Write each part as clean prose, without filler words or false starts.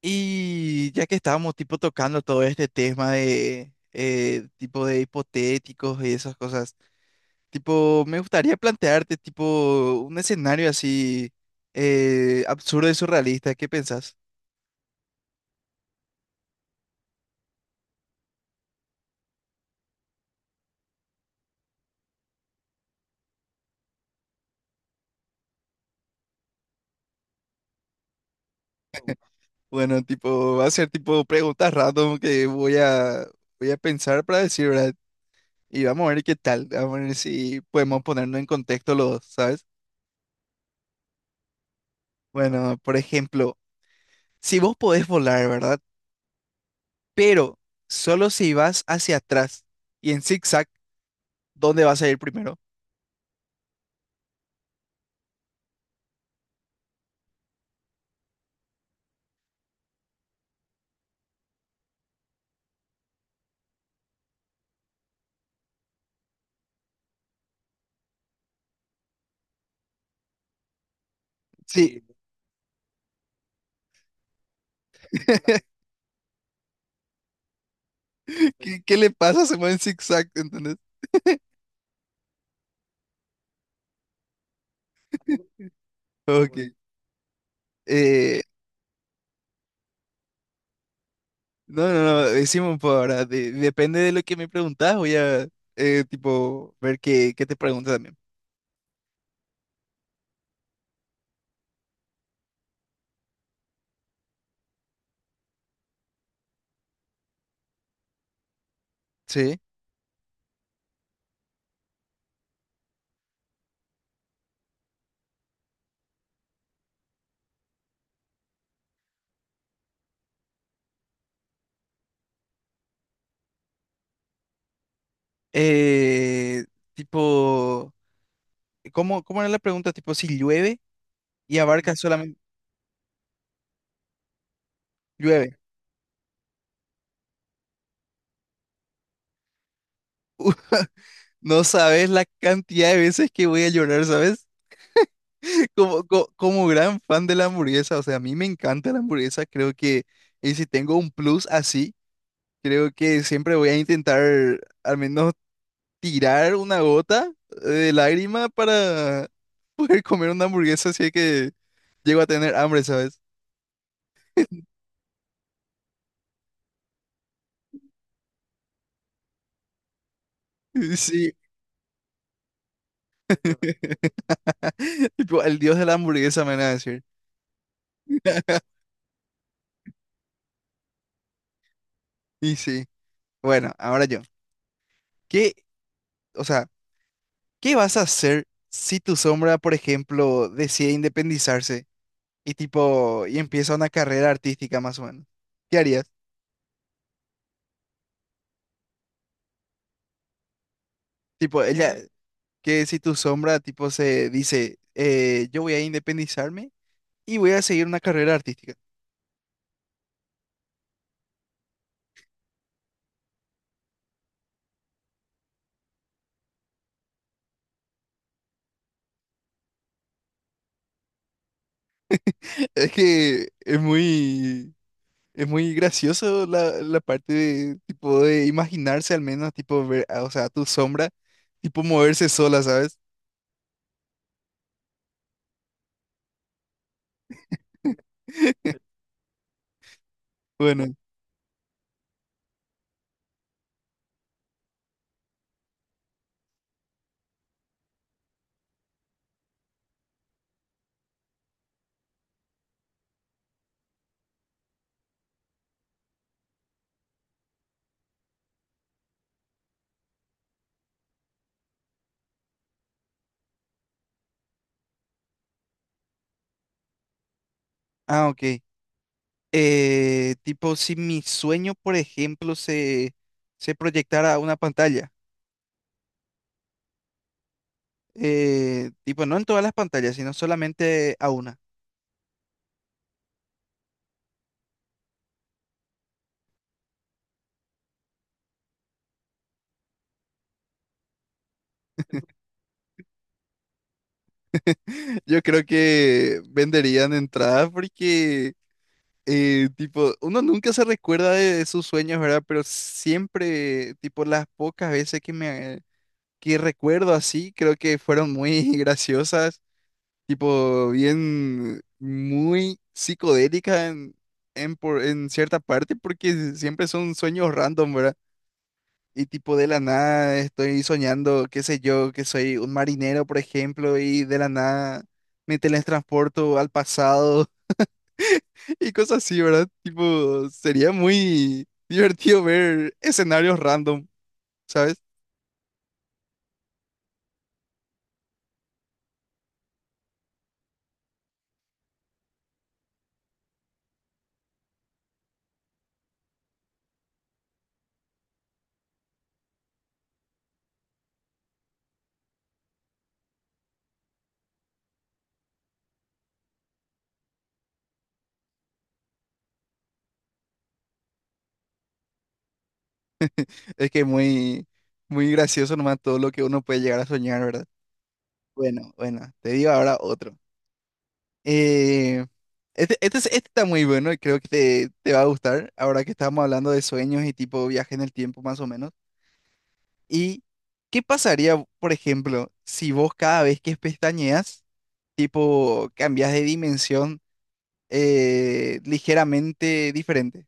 Y ya que estábamos tipo tocando todo este tema de tipo de hipotéticos y esas cosas, tipo, me gustaría plantearte tipo un escenario así absurdo y surrealista, ¿qué pensás? Bueno, tipo, va a ser tipo preguntas random que voy a pensar para decir, ¿verdad? Y vamos a ver qué tal, vamos a ver si podemos ponernos en contexto los, ¿sabes? Bueno, por ejemplo, si vos podés volar, ¿verdad? Pero solo si vas hacia atrás y en zigzag, ¿dónde vas a ir primero? Sí. ¿Qué, qué le pasa? Se mueve en zigzag, ¿entendés? Ok. Eh, no, no, no, decimos un poco ahora. Depende de lo que me preguntas, tipo, ver qué, qué te pregunta también. Sí. Eh, tipo, ¿cómo, cómo era la pregunta? Tipo, si llueve y abarca solamente llueve. No sabes la cantidad de veces que voy a llorar, ¿sabes? Como, como gran fan de la hamburguesa, o sea, a mí me encanta la hamburguesa, creo que, y si tengo un plus así, creo que siempre voy a intentar al menos tirar una gota de lágrima para poder comer una hamburguesa si es que llego a tener hambre, ¿sabes? Sí, tipo, el dios de la hamburguesa me van a decir. Y sí, bueno, ahora yo. ¿Qué, o sea, qué vas a hacer si tu sombra, por ejemplo, decide independizarse? Y tipo, y empieza una carrera artística más o menos. ¿Qué harías? Tipo, ella, que si tu sombra, tipo, se dice, yo voy a independizarme y voy a seguir una carrera artística. Es que es muy gracioso la, la parte de, tipo, de imaginarse al menos, tipo, ver, o sea, tu sombra, tipo, moverse sola, ¿sabes? Bueno, ah, ok. Tipo, si mi sueño, por ejemplo, se proyectara a una pantalla. Eh, tipo, no en todas las pantallas, sino solamente a una. Yo creo que venderían entradas porque, tipo, uno nunca se recuerda de sus sueños, ¿verdad? Pero siempre, tipo, las pocas veces que me que recuerdo así, creo que fueron muy graciosas, tipo, bien, muy psicodélicas en, en cierta parte, porque siempre son sueños random, ¿verdad? Y tipo de la nada estoy soñando, qué sé yo, que soy un marinero, por ejemplo, y de la nada me teletransporto al pasado y cosas así, ¿verdad? Tipo, sería muy divertido ver escenarios random, ¿sabes? Es que muy, muy gracioso nomás todo lo que uno puede llegar a soñar, ¿verdad? Bueno, bueno, te digo ahora otro. Eh, este está muy bueno y creo que te va a gustar ahora que estamos hablando de sueños y tipo viaje en el tiempo más o menos. ¿Y qué pasaría, por ejemplo, si vos cada vez que pestañeas, tipo, cambias de dimensión ligeramente diferente?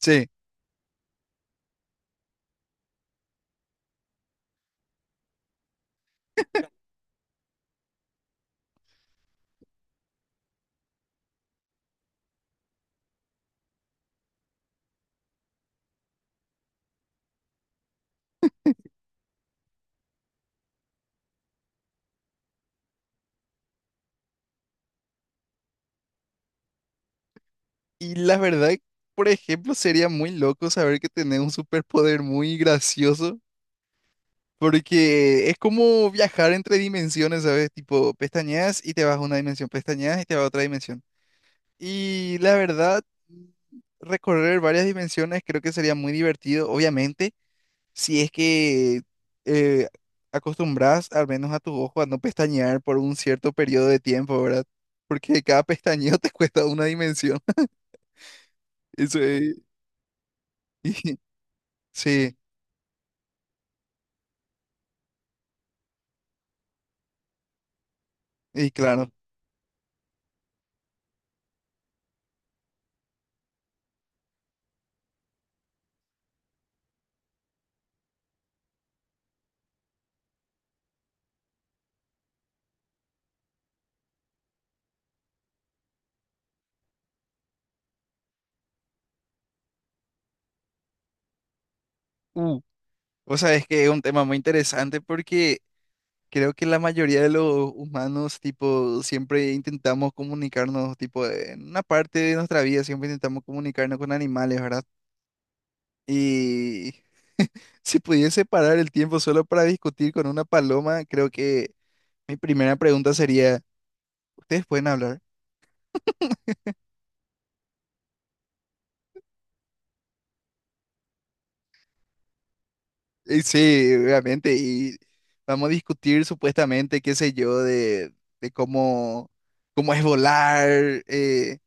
Sí. Y la verdad, por ejemplo, sería muy loco saber que tenés un superpoder muy gracioso, porque es como viajar entre dimensiones, ¿sabes? Tipo, pestañeas y te vas a una dimensión, pestañeas y te vas a otra dimensión. Y la verdad, recorrer varias dimensiones creo que sería muy divertido, obviamente si es que eh, acostumbras al menos a tu ojo a no pestañear por un cierto periodo de tiempo, ¿verdad? Porque cada pestañeo te cuesta una dimensión. Eso es. y- sí, y claro. Uh, o sea, es que es un tema muy interesante porque creo que la mayoría de los humanos, tipo, siempre intentamos comunicarnos, tipo, en una parte de nuestra vida siempre intentamos comunicarnos con animales, ¿verdad? Y si pudiese parar el tiempo solo para discutir con una paloma, creo que mi primera pregunta sería, ¿ustedes pueden hablar? Y sí, obviamente, y vamos a discutir supuestamente, qué sé yo, de cómo, cómo es volar, eh,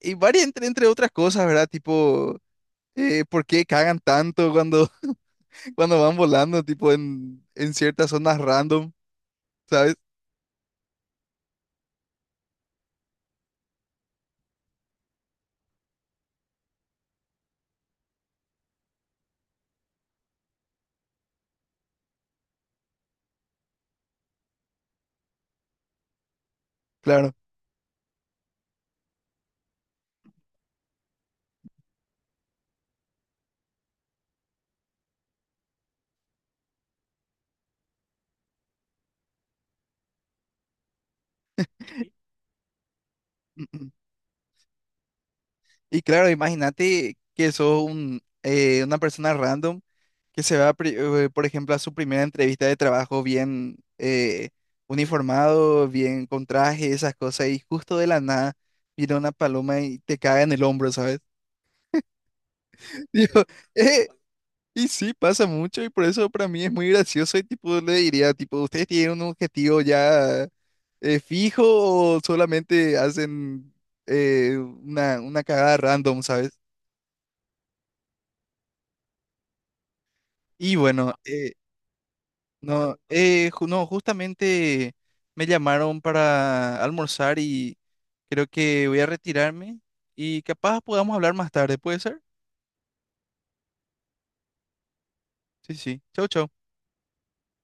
y varias, entre, entre otras cosas, ¿verdad? Tipo, ¿por qué cagan tanto cuando, cuando van volando, tipo, en ciertas zonas random, ¿sabes? Claro. Y claro, imagínate que sos un, una persona random que se va, por ejemplo, a su primera entrevista de trabajo bien uniformado, bien con traje, esas cosas, y justo de la nada viene una paloma y te caga en el hombro, ¿sabes? Digo, eh, y sí, pasa mucho, y por eso para mí es muy gracioso, y tipo, le diría, tipo, ¿ustedes tienen un objetivo ya fijo o solamente hacen una cagada random, ¿sabes? Y bueno, no, no, justamente me llamaron para almorzar y creo que voy a retirarme y capaz podamos hablar más tarde, ¿puede ser? Sí, sí. Chau, chau.